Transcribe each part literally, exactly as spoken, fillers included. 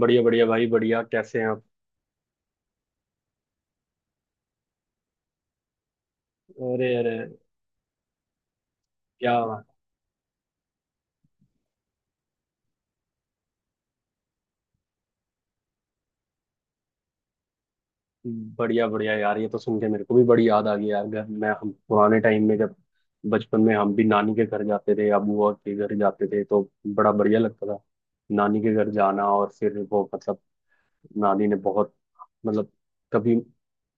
बढ़िया बढ़िया भाई बढ़िया। कैसे हैं आप? अरे अरे, क्या बात। बढ़िया बढ़िया यार, ये तो सुन के मेरे को भी बड़ी याद आ गई यार। घर मैं हम पुराने टाइम में, जब बचपन में हम भी नानी के घर जाते थे या बुआ के घर जाते थे, तो बड़ा बढ़िया लगता था। नानी के घर जाना, और फिर वो मतलब नानी ने बहुत, मतलब कभी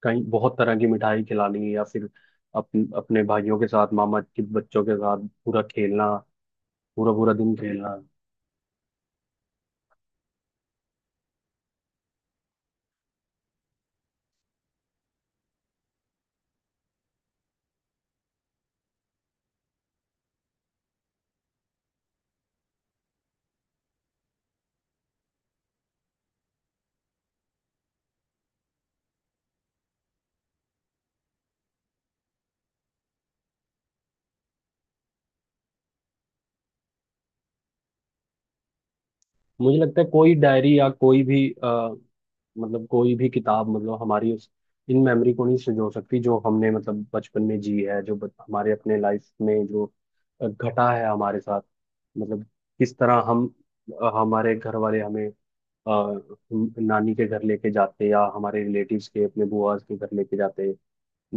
कहीं बहुत तरह की मिठाई खिलानी, या फिर अपन अपने भाइयों के साथ, मामा के बच्चों के साथ पूरा खेलना, पूरा पूरा दिन खेलना। मुझे लगता है कोई डायरी या कोई भी आ, मतलब कोई भी किताब, मतलब हमारी उस इन मेमोरी को नहीं संजो सकती, जो हमने मतलब बचपन में जी है, जो ब- हमारे अपने लाइफ में जो अ, घटा है हमारे साथ। मतलब किस तरह हम, अ, हमारे घर वाले हमें अ, हम- नानी के घर लेके जाते, या हमारे रिलेटिव्स के अपने बुआस के घर लेके जाते,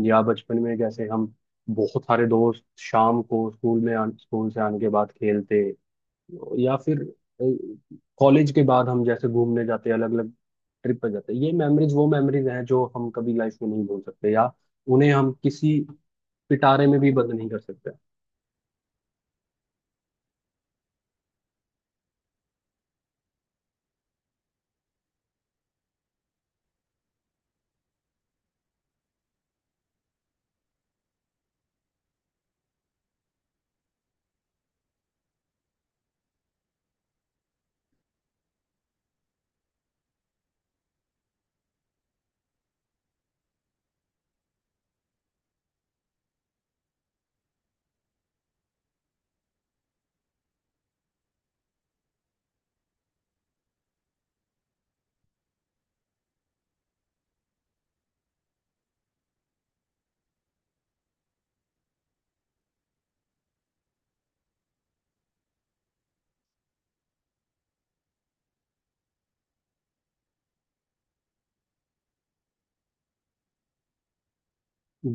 या बचपन में जैसे हम बहुत सारे दोस्त शाम को स्कूल में आन, स्कूल से आने के बाद खेलते, या फिर कॉलेज के बाद हम जैसे घूमने जाते हैं, अलग अलग ट्रिप पर जाते हैं। ये मेमोरीज वो मेमोरीज हैं जो हम कभी लाइफ में नहीं भूल सकते, या उन्हें हम किसी पिटारे में भी बंद नहीं कर सकते।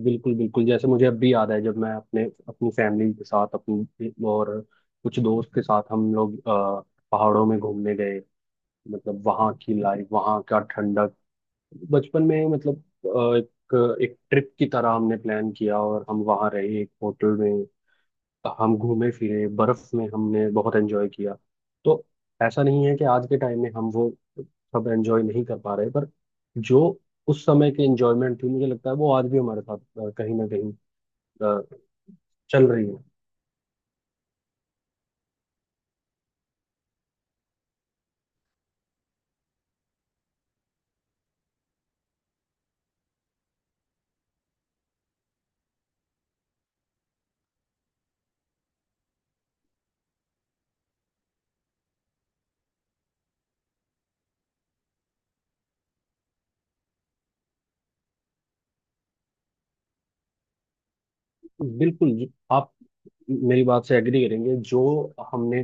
बिल्कुल बिल्कुल, जैसे मुझे अब भी याद है, जब मैं अपने अपनी फैमिली के साथ, अपनी और कुछ दोस्त के साथ हम लोग अ, पहाड़ों में घूमने गए, मतलब वहाँ की लाइफ, वहाँ का ठंडक। बचपन में मतलब अ, एक एक ट्रिप की तरह हमने प्लान किया, और हम वहाँ रहे एक होटल में, हम घूमे फिरे बर्फ में, हमने बहुत एंजॉय किया। तो ऐसा नहीं है कि आज के टाइम में हम वो सब एंजॉय नहीं कर पा रहे, पर जो उस समय की एंजॉयमेंट थी, मुझे लगता है वो आज भी हमारे साथ अ, कहीं ना कहीं अ, चल रही है। बिल्कुल जी, आप मेरी बात से एग्री करेंगे। जो हमने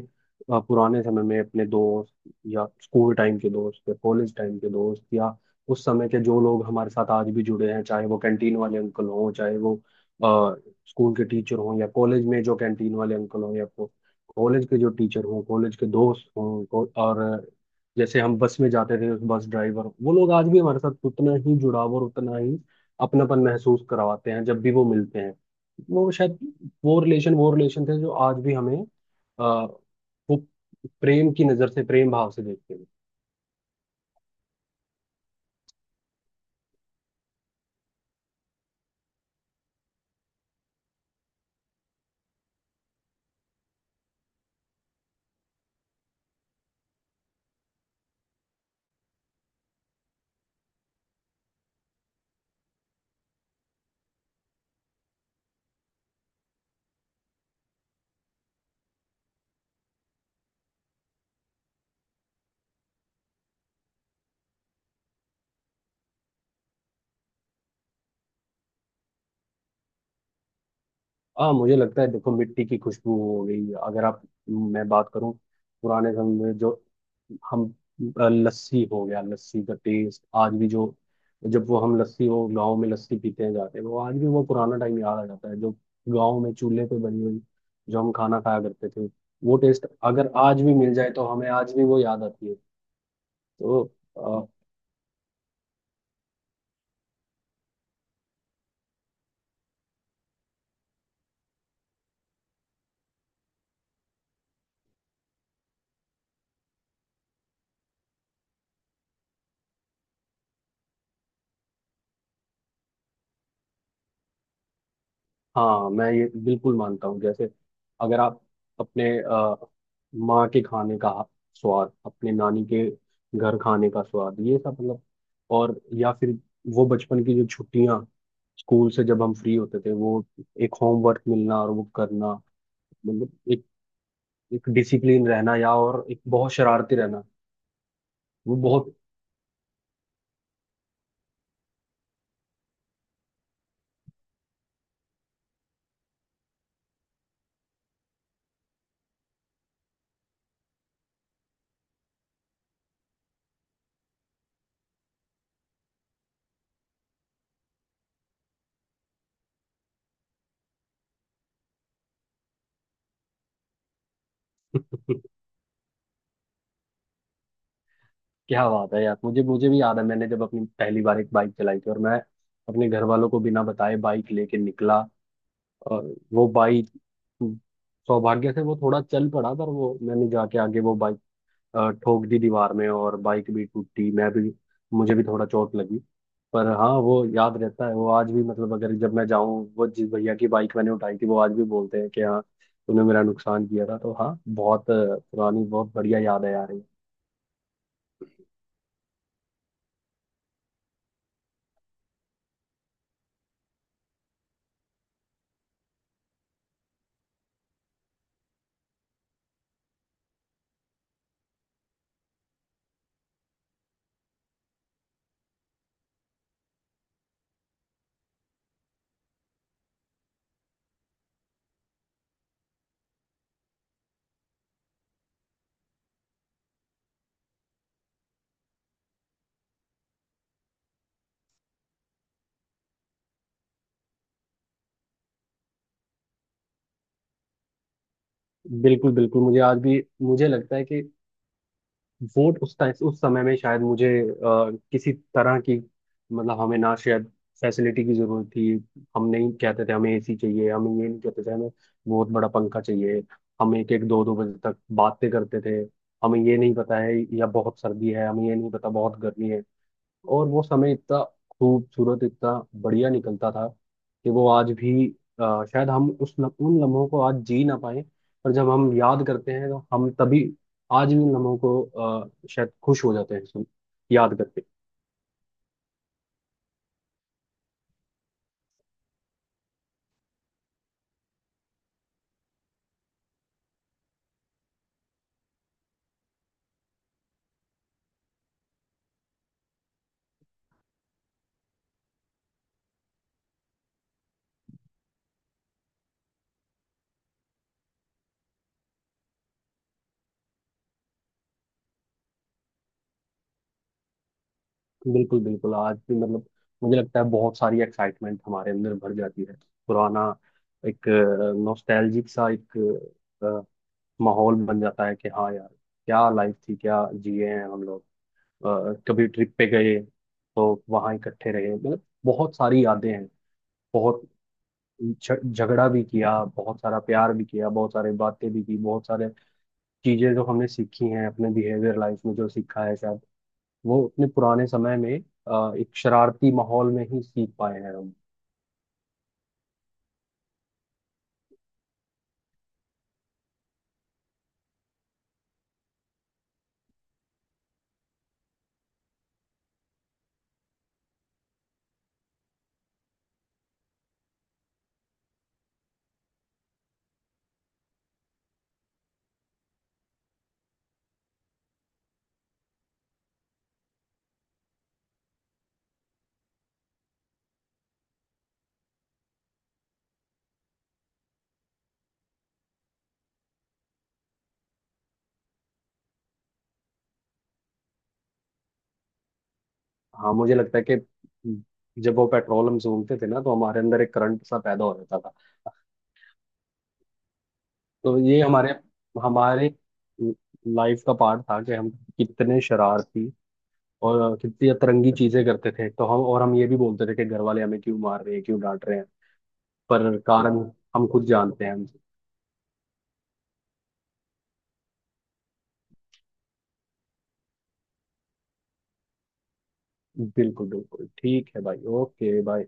अ, पुराने समय में अपने दोस्त, या स्कूल टाइम के दोस्त, या कॉलेज टाइम के दोस्त, या उस समय के जो लोग हमारे साथ आज भी जुड़े हैं, चाहे वो कैंटीन वाले अंकल हों, चाहे वो अ, स्कूल के टीचर हों, या कॉलेज में जो कैंटीन वाले अंकल हों, या को- कॉलेज के जो टीचर हों, कॉलेज के दोस्त हों, को- और जैसे हम बस में जाते थे, उस बस ड्राइवर, वो लोग आज भी हमारे साथ उतना ही जुड़ाव और उतना ही अपनापन महसूस करवाते हैं जब भी वो मिलते हैं। वो शायद वो रिलेशन वो रिलेशन थे, जो आज भी हमें आ, वो प्रेम की नजर से, प्रेम भाव से देखते हैं। हाँ, मुझे लगता है, देखो, मिट्टी की खुशबू हो गई, अगर आप, मैं बात करूं, पुराने समय में जो हम, अ, लस्सी हो गया, लस्सी का टेस्ट आज भी, जो जब वो हम लस्सी, वो गांव में लस्सी पीते जाते हैं, वो आज भी वो पुराना टाइम याद आ जाता है, जो गांव में चूल्हे पे बनी हुई जो हम खाना खाया करते थे, वो टेस्ट अगर आज भी मिल जाए तो हमें आज भी वो याद आती है। तो हाँ, मैं ये बिल्कुल मानता हूँ, जैसे अगर आप अपने अ, माँ के खाने का स्वाद, अपने नानी के घर खाने का स्वाद, ये सब मतलब, और या फिर वो बचपन की जो छुट्टियाँ, स्कूल से जब हम फ्री होते थे, वो एक होमवर्क मिलना और वो करना, मतलब एक, एक डिसिप्लिन रहना, या और एक बहुत शरारती रहना, वो बहुत क्या बात है यार, मुझे मुझे भी याद है, मैंने जब अपनी पहली बार एक बाइक चलाई थी, और मैं अपने घर वालों को बिना बताए बाइक लेके निकला, और वो बाइक, सौभाग्य से वो थोड़ा चल पड़ा, पर वो मैंने जाके आगे वो बाइक अ, ठोक दी दीवार में, और बाइक भी टूटी, मैं भी, मुझे भी थोड़ा चोट लगी। पर हाँ, वो याद रहता है, वो आज भी, मतलब अगर जब मैं जाऊँ, वो जिस भैया की बाइक मैंने उठाई थी वो आज भी बोलते हैं कि हाँ, तूने मेरा नुकसान किया था। तो हाँ, बहुत अ, पुरानी, बहुत बढ़िया याद है यार ये। बिल्कुल बिल्कुल, मुझे आज भी मुझे लगता है कि वोट उस टाइम, उस समय में शायद मुझे अ, किसी तरह की, मतलब हमें ना शायद फैसिलिटी की जरूरत थी। हम नहीं कहते थे हमें एसी चाहिए, हमें ये नहीं कहते थे हमें बहुत बड़ा पंखा चाहिए। हम एक एक दो दो बजे तक बातें करते थे, हमें ये नहीं पता है या बहुत सर्दी है, हमें ये नहीं पता बहुत गर्मी है। और वो समय इतना खूबसूरत, इतना बढ़िया निकलता था कि वो आज भी अ, शायद हम उस लम, उन लम्हों को आज जी ना पाए, पर जब हम याद करते हैं तो हम तभी आज भी उन लम्हों को अ, शायद खुश हो जाते हैं, सुन, याद करके। बिल्कुल बिल्कुल, आज भी मतलब मुझे लगता है बहुत सारी एक्साइटमेंट हमारे अंदर भर जाती है। पुराना एक नॉस्टैल्जिक सा एक अ, माहौल बन जाता है कि हाँ यार, क्या लाइफ थी, क्या जिए हैं हम लोग। अ, कभी ट्रिप पे गए तो वहाँ इकट्ठे रहे, मतलब बहुत सारी यादें हैं, बहुत झ- झगड़ा भी किया, बहुत सारा प्यार भी किया, बहुत सारी बातें भी की, बहुत सारे चीजें जो हमने सीखी हैं अपने बिहेवियर लाइफ में जो सीखा है, शायद वो अपने पुराने समय में अ, एक शरारती माहौल में ही सीख पाए हैं हम। हाँ, मुझे लगता है कि जब वो पेट्रोल हम सूंघते थे ना तो हमारे अंदर एक करंट सा पैदा हो जाता था। तो ये हमारे हमारे लाइफ का पार्ट था कि हम कितने शरारती और कितनी अतरंगी चीजें करते थे, तो हम, और हम ये भी बोलते थे कि घर वाले हमें क्यों मार रहे हैं, क्यों डांट रहे हैं। पर कारण हम खुद जानते हैं। बिल्कुल बिल्कुल, ठीक है भाई, ओके भाई।